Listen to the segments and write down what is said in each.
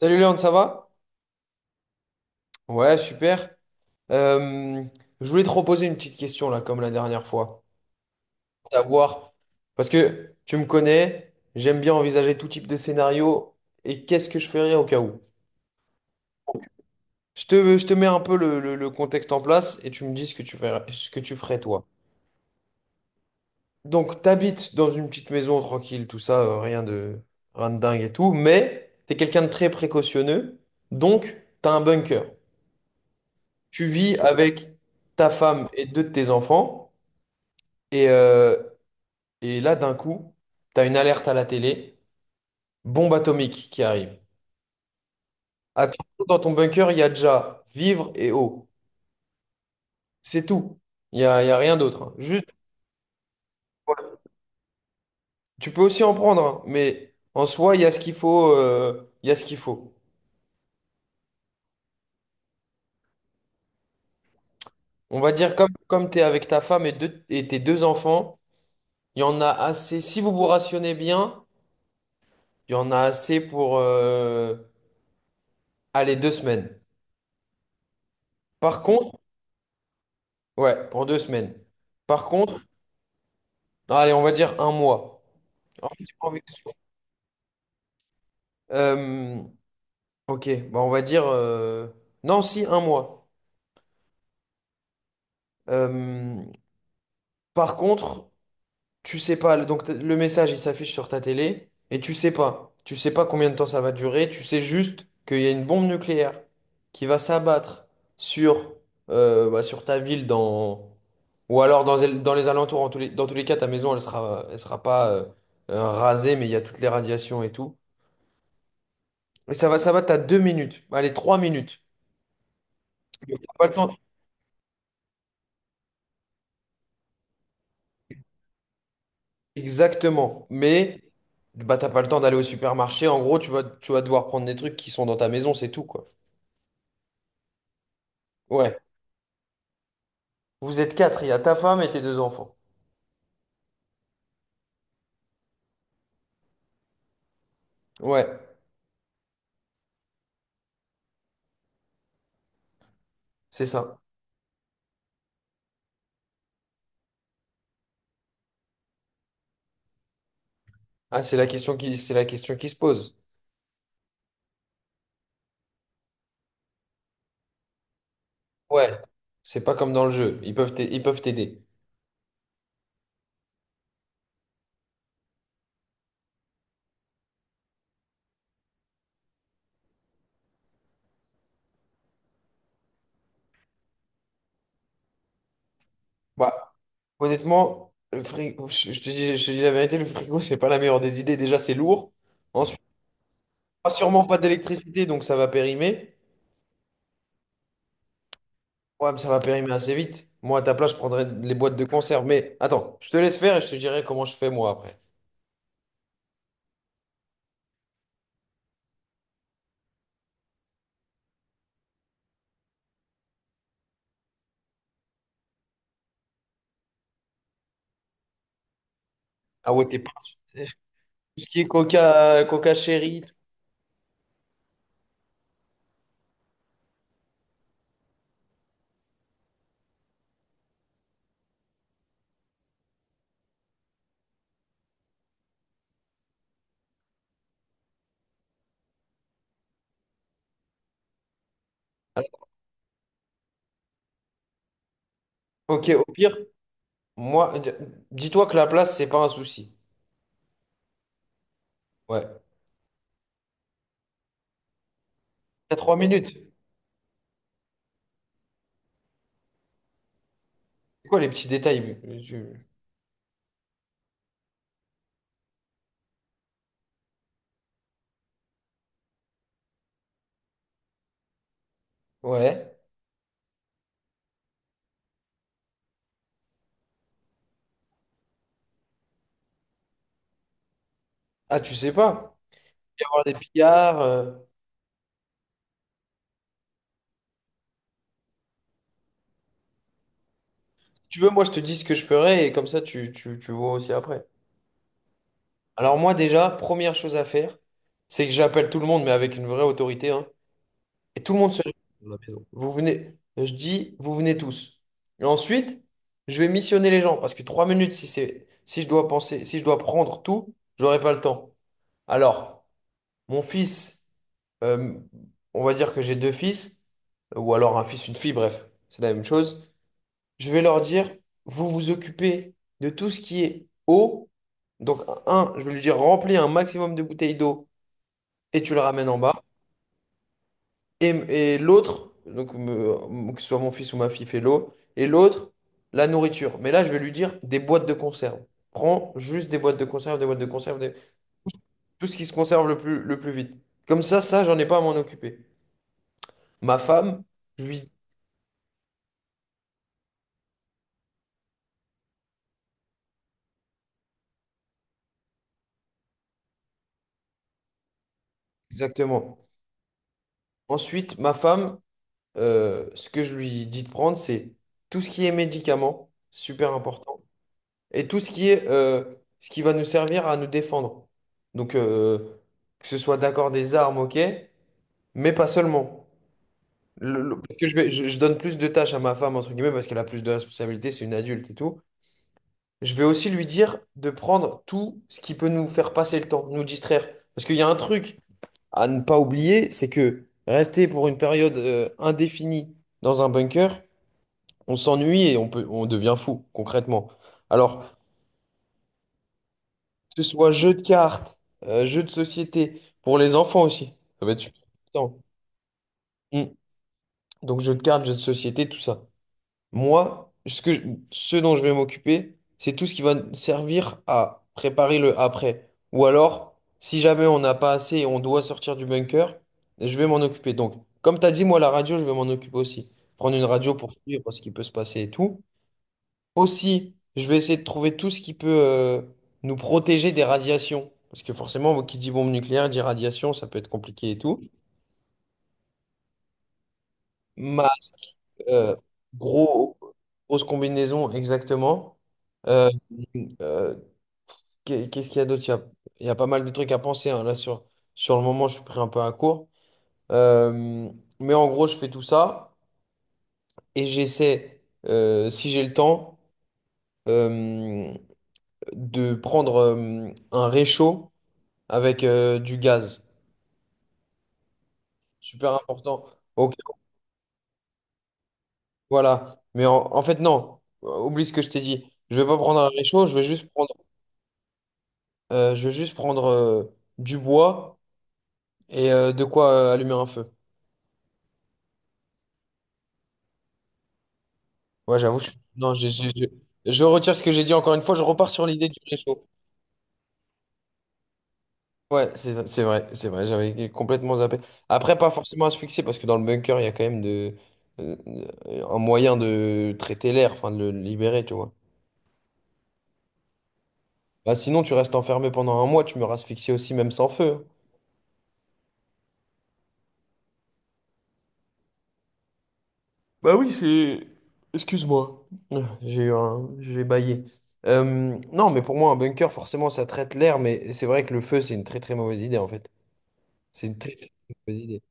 Salut Léon, ça va? Ouais, super. Euh, je voulais te reposer une petite question là, comme la dernière fois. Savoir, parce que tu me connais, j'aime bien envisager tout type de scénario et qu'est-ce que je ferais au cas où. Je te mets un peu le contexte en place et tu me dis ce que tu ferais, ce que tu ferais toi. Donc, t'habites dans une petite maison tranquille, tout ça, rien de, rien de dingue et tout, mais t'es quelqu'un de très précautionneux, donc t'as un bunker. Tu vis avec ta femme et deux de tes enfants. Et, euh, et là, d'un coup, tu as une alerte à la télé, bombe atomique qui arrive. Attention, dans ton bunker, il y a déjà vivre et eau. C'est tout. Il y a rien d'autre, hein. Juste, tu peux aussi en prendre, hein, mais en soi, il y a ce qu'il faut. Il y a ce qu'il faut. On va dire, comme tu es avec ta femme et et tes deux enfants, il y en a assez. Si vous vous rationnez bien, il y en a assez pour aller 2 semaines. Par contre, ouais, pour 2 semaines. Par contre, allez, on va dire un mois. Un petit peu envie de Euh, ok, bah, on va dire... Non, si, un mois. Euh, Par contre, tu sais pas, le message, il s'affiche sur ta télé, et tu sais pas. Tu sais pas combien de temps ça va durer, tu sais juste qu'il y a une bombe nucléaire qui va s'abattre sur, sur ta ville dans... Ou alors dans les alentours, dans tous les cas, ta maison, elle sera pas rasée, mais il y a toutes les radiations et tout. Et ça va, t'as 2 minutes, allez, 3 minutes. T'as pas le temps. Exactement. Mais bah t'as pas le temps d'aller au supermarché. En gros, tu vas devoir prendre des trucs qui sont dans ta maison, c'est tout, quoi. Ouais, vous êtes quatre, il y a ta femme et tes deux enfants. Ouais. C'est ça. Ah, c'est la question qui se pose. Ouais. C'est pas comme dans le jeu. Ils peuvent t'aider. Bah, honnêtement, le frigo, je te dis la vérité, le frigo, c'est pas la meilleure des idées. Déjà, c'est lourd. Ensuite, pas sûrement pas d'électricité, donc ça va périmer. Ouais, mais ça va périmer assez vite. Moi, à ta place, je prendrais les boîtes de conserve. Mais attends, je te laisse faire et je te dirai comment je fais moi après. Ah ouais, t'es pas. Tout ce qui est Coca, Coca Cherry. Ok, au pire, moi, d- dis-toi que la place, c'est pas un souci. Ouais. T'as 3 minutes. C'est quoi les petits détails? Tu- Ouais. Ah, tu sais pas. Il va y avoir des pillards. Si tu veux, moi, je te dis ce que je ferai et comme ça, tu vois aussi après. Alors, moi, déjà, première chose à faire, c'est que j'appelle tout le monde, mais avec une vraie autorité, hein. Et tout le monde se réunit dans la maison. Vous venez, je dis, vous venez tous. Et ensuite, je vais missionner les gens parce que 3 minutes, si c'est, si je dois penser, si je dois prendre tout, j'aurai pas le temps. Alors, mon fils, euh, on va dire que j'ai 2 fils, ou alors un fils, une fille, bref, c'est la même chose. Je vais leur dire, vous vous occupez de tout ce qui est eau. Donc, un, je vais lui dire, remplis un maximum de bouteilles d'eau et tu le ramènes en bas. Et l'autre, que ce soit mon fils ou ma fille fait l'eau, et l'autre, la nourriture. Mais là, je vais lui dire des boîtes de conserve. Prends juste des boîtes de conserve, tout ce qui se conserve le plus vite. Comme ça, j'en ai pas à m'en occuper. Ma femme, je lui... Exactement. Ensuite, ma femme, ce que je lui dis de prendre, c'est tout ce qui est médicaments, super important, et tout ce qui est ce qui va nous servir à nous défendre. Donc, que ce soit d'accord des armes, ok, mais pas seulement. Parce que je vais, je donne plus de tâches à ma femme, entre guillemets, parce qu'elle a plus de responsabilités, c'est une adulte et tout. Je vais aussi lui dire de prendre tout ce qui peut nous faire passer le temps, nous distraire. Parce qu'il y a un truc à ne pas oublier, c'est que rester pour une période indéfinie dans un bunker, on s'ennuie et on peut, on devient fou, concrètement. Alors, que ce soit jeu de cartes, jeu de société, pour les enfants aussi, ça va être super important. Mm. Donc, jeu de cartes, jeu de société, tout ça. Moi, ce dont je vais m'occuper, c'est tout ce qui va nous servir à préparer le après. Ou alors, si jamais on n'a pas assez et on doit sortir du bunker, je vais m'en occuper. Donc, comme tu as dit, moi, la radio, je vais m'en occuper aussi. Prendre une radio pour suivre ce qui peut se passer et tout. Aussi, je vais essayer de trouver tout ce qui peut nous protéger des radiations. Parce que forcément, qui dit bombe nucléaire dit radiation, ça peut être compliqué et tout. Ma Euh, gros, grosse combinaison, exactement. Euh, euh, Qu'est-ce qu'il y a d'autre? Il y a pas mal de trucs à penser, hein. Là, sur, sur le moment, je suis pris un peu à court. Euh, mais en gros, je fais tout ça et j'essaie, si j'ai le temps, euh, de prendre un réchaud avec du gaz. Super important. Ok, voilà. Mais en fait, non. Oublie ce que je t'ai dit. Je vais pas prendre un réchaud, je vais juste prendre je vais juste prendre du bois et de quoi allumer un feu. Ouais, j'avoue. Je- non, je retire ce que j'ai dit encore une fois. Je repars sur l'idée du réchaud. Ouais, c'est vrai, c'est vrai. J'avais complètement zappé. Après, pas forcément asphyxier parce que dans le bunker, il y a quand même de, euh, un moyen de traiter l'air, enfin de le libérer, tu vois. Bah, sinon, tu restes enfermé pendant un mois. Tu meurs asphyxié aussi, même sans feu, hein. Bah oui, c'est... Excuse-moi, ah, j'ai eu un... j'ai bâillé. Euh, non, mais pour moi, un bunker, forcément, ça traite l'air, mais c'est vrai que le feu, c'est une très très mauvaise idée, en fait. C'est une très très mauvaise idée.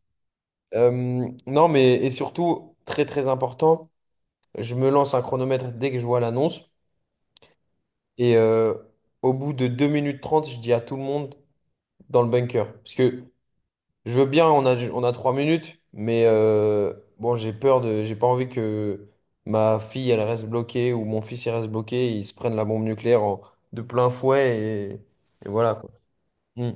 Non, mais et surtout, très très important, je me lance un chronomètre dès que je vois l'annonce, et au bout de 2 minutes 30 je dis à tout le monde dans le bunker. Parce que je veux bien, on a 3 minutes, mais bon, j'ai peur de, j'ai pas envie que ma fille, elle reste bloquée ou mon fils, il reste bloqué, et ils se prennent la bombe nucléaire en- de plein fouet et voilà quoi. Mm.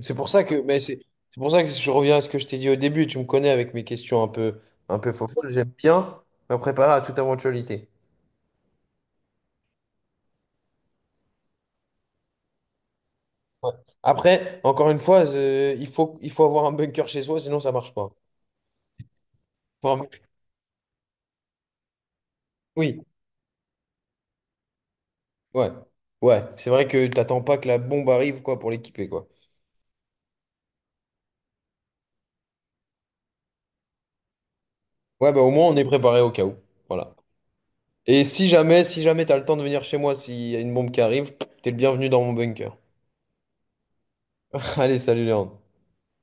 C'est pour ça que, mais c'est pour ça que je reviens à ce que je t'ai dit au début. Tu me connais avec mes questions un peu fofolles. J'aime bien me préparer à toute éventualité. Ouais. Après, encore une fois, il faut avoir un bunker chez soi, sinon ça marche pas. Faut un- oui. Ouais. Ouais, c'est vrai que t'attends pas que la bombe arrive, quoi, pour l'équiper, quoi. Ouais, bah au moins on est préparé au cas où. Voilà. Et si jamais, si jamais t'as le temps de venir chez moi, s'il y a une bombe qui arrive, t'es le bienvenu dans mon bunker. Allez, salut Léon.